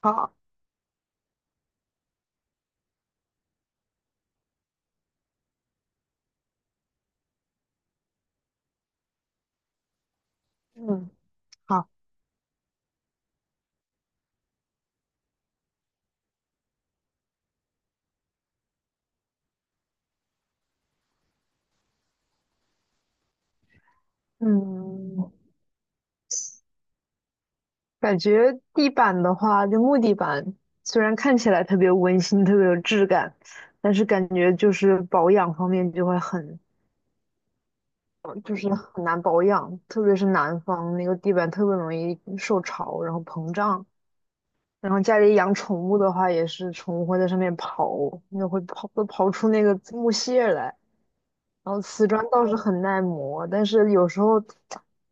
好，嗯，好，嗯，感觉地板的话，就木地板，虽然看起来特别温馨、特别有质感，但是感觉就是保养方面就会很，就是很难保养，特别是南方那个地板特别容易受潮，然后膨胀。然后家里养宠物的话，也是宠物会在上面刨，那会刨出那个木屑来。然后瓷砖倒是很耐磨，但是有时候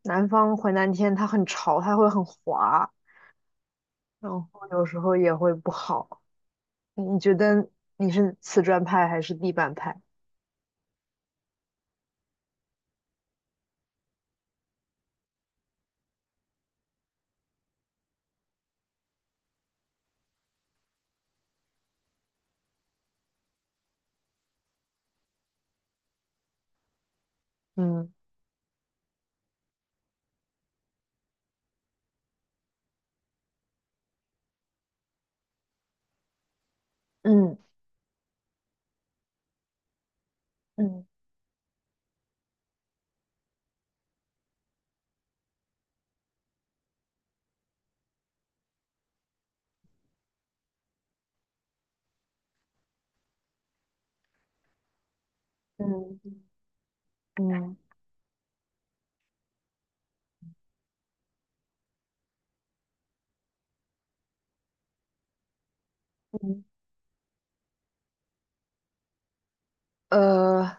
南方回南天它很潮，它会很滑，然后有时候也会不好。你觉得你是瓷砖派还是地板派？嗯嗯嗯嗯嗯嗯，呃，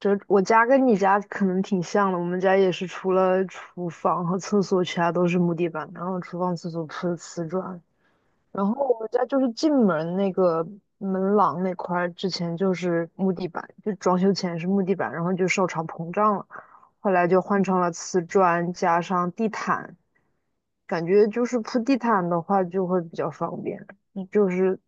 这我家跟你家可能挺像的，我们家也是除了厨房和厕所，其他都是木地板，然后厨房、厕所铺的瓷砖。然后我们家就是进门那个门廊那块儿，之前就是木地板，就装修前是木地板，然后就受潮膨胀了，后来就换成了瓷砖加上地毯，感觉就是铺地毯的话就会比较方便，嗯就是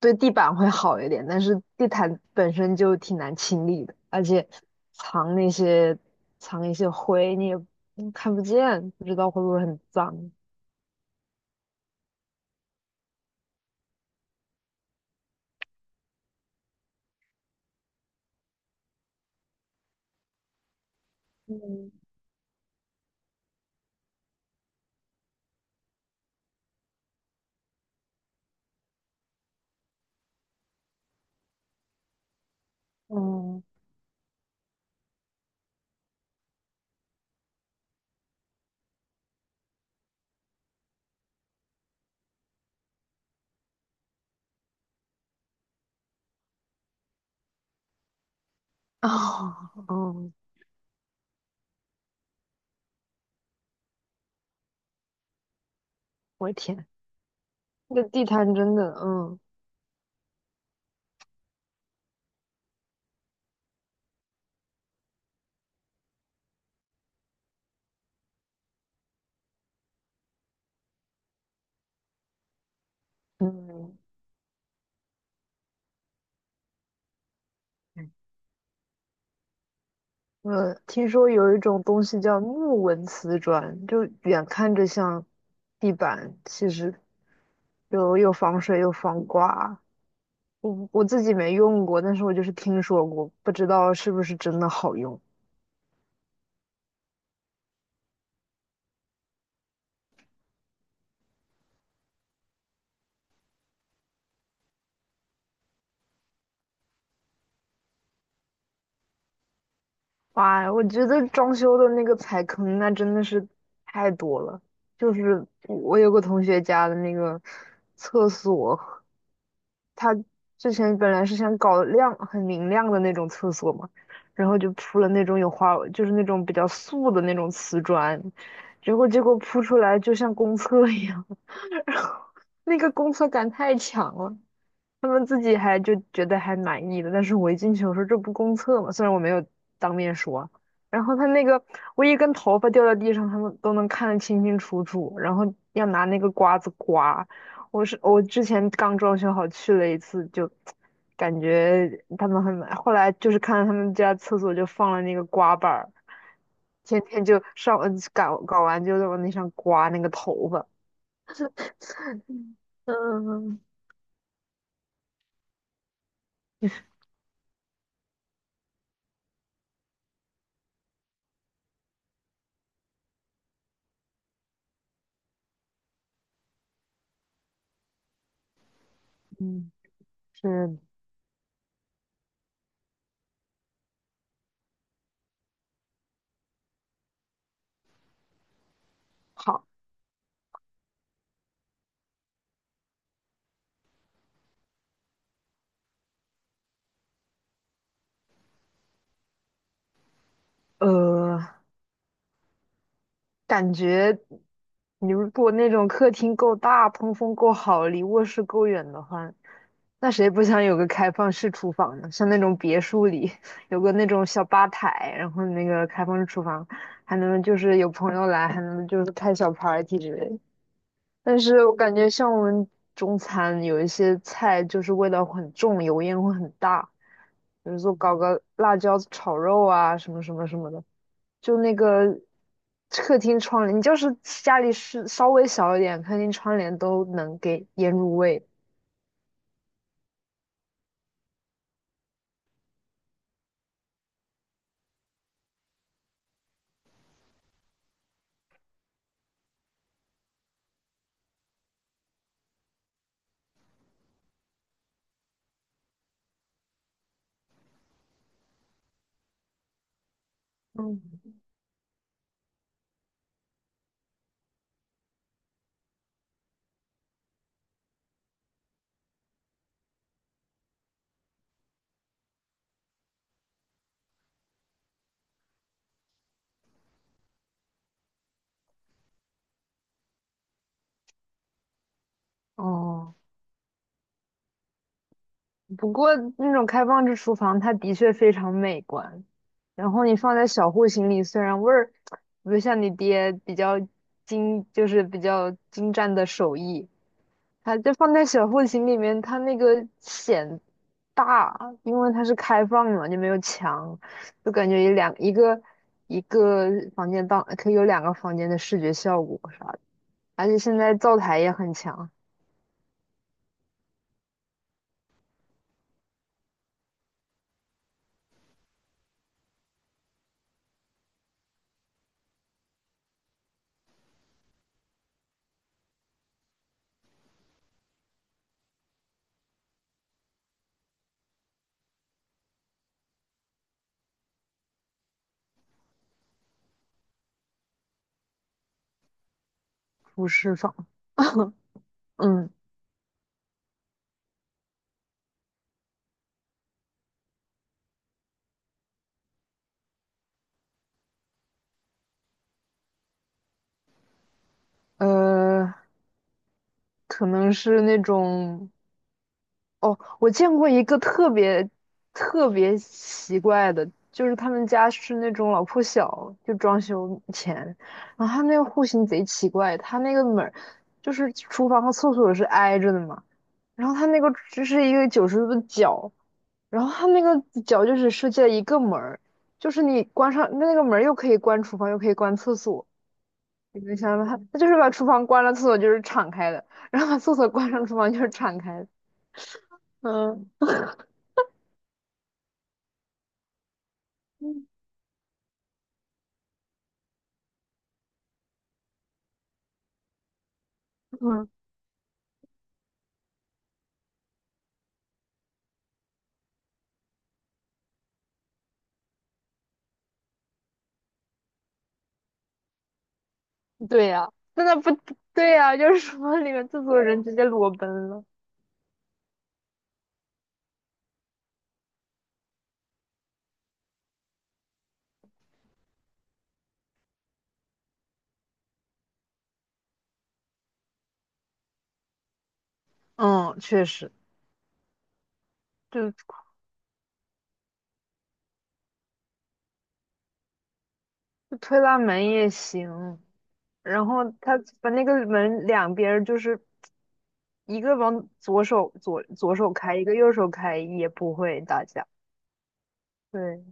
对地板会好一点，但是地毯本身就挺难清理的，而且藏那些藏一些灰你也看不见，不知道会不会很脏。嗯嗯，哦，哦我的天，那个地摊真的，嗯，我听说有一种东西叫木纹瓷砖，就远看着像地板，其实又防水又防刮。我自己没用过，但是我就是听说过，不知道是不是真的好用。哇，我觉得装修的那个踩坑那真的是太多了，就是我有个同学家的那个厕所。他之前本来是想搞亮很明亮的那种厕所嘛，然后就铺了那种有花，就是那种比较素的那种瓷砖，结果铺出来就像公厕一样，然后那个公厕感太强了，他们自己还就觉得还满意的，但是我一进去我说这不公厕吗？虽然我没有当面说，然后他那个我一根头发掉在地上，他们都能看得清清楚楚，然后要拿那个刮子刮。我是我之前刚装修好去了一次，就感觉他们很满。后来就是看到他们家厕所就放了那个刮板儿，天天就上搞完就在往那上刮那个头发。嗯，嗯，是。好，呃，感觉你如果那种客厅够大、通风够好、离卧室够远的话，那谁不想有个开放式厨房呢？像那种别墅里 有个那种小吧台，然后那个开放式厨房，还能就是有朋友来，还能就是开小 party 之类的。但是我感觉像我们中餐有一些菜就是味道很重，油烟会很大，比如说搞个辣椒炒肉啊，什么什么什么的。就那个客厅窗帘，你就是家里是稍微小一点，客厅窗帘都能给腌入味。嗯，哦，不过那种开放式厨房，它的确非常美观。然后你放在小户型里，虽然味儿不像你爹比较精，就是比较精湛的手艺，它就放在小户型里面，它那个显大，因为它是开放嘛，就没有墙，就感觉有两一个一个房间当可以有两个房间的视觉效果啥的，而且现在灶台也很强，不释放，嗯。呃，可能是那种。哦，我见过一个特别特别奇怪的，就是他们家是那种老破小，就装修前，然后他那个户型贼奇怪，他那个门儿就是厨房和厕所是挨着的嘛，然后他那个就是一个90度的角，然后他那个角就只设计了一个门儿，就是你关上那个门儿又可以关厨房，又可以关厕所，你能想象吗他就是把厨房关了，厕所就是敞开的，然后把厕所关上，厨房就是敞开的，嗯嗯，嗯 对呀、真的不对呀、就是说里面制作人直接裸奔了，嗯，确实，就就推拉门也行。然后他把那个门两边儿就是一个往左手开，一个右手开，也不会打架。对，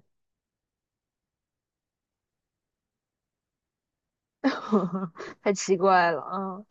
太奇怪了，啊。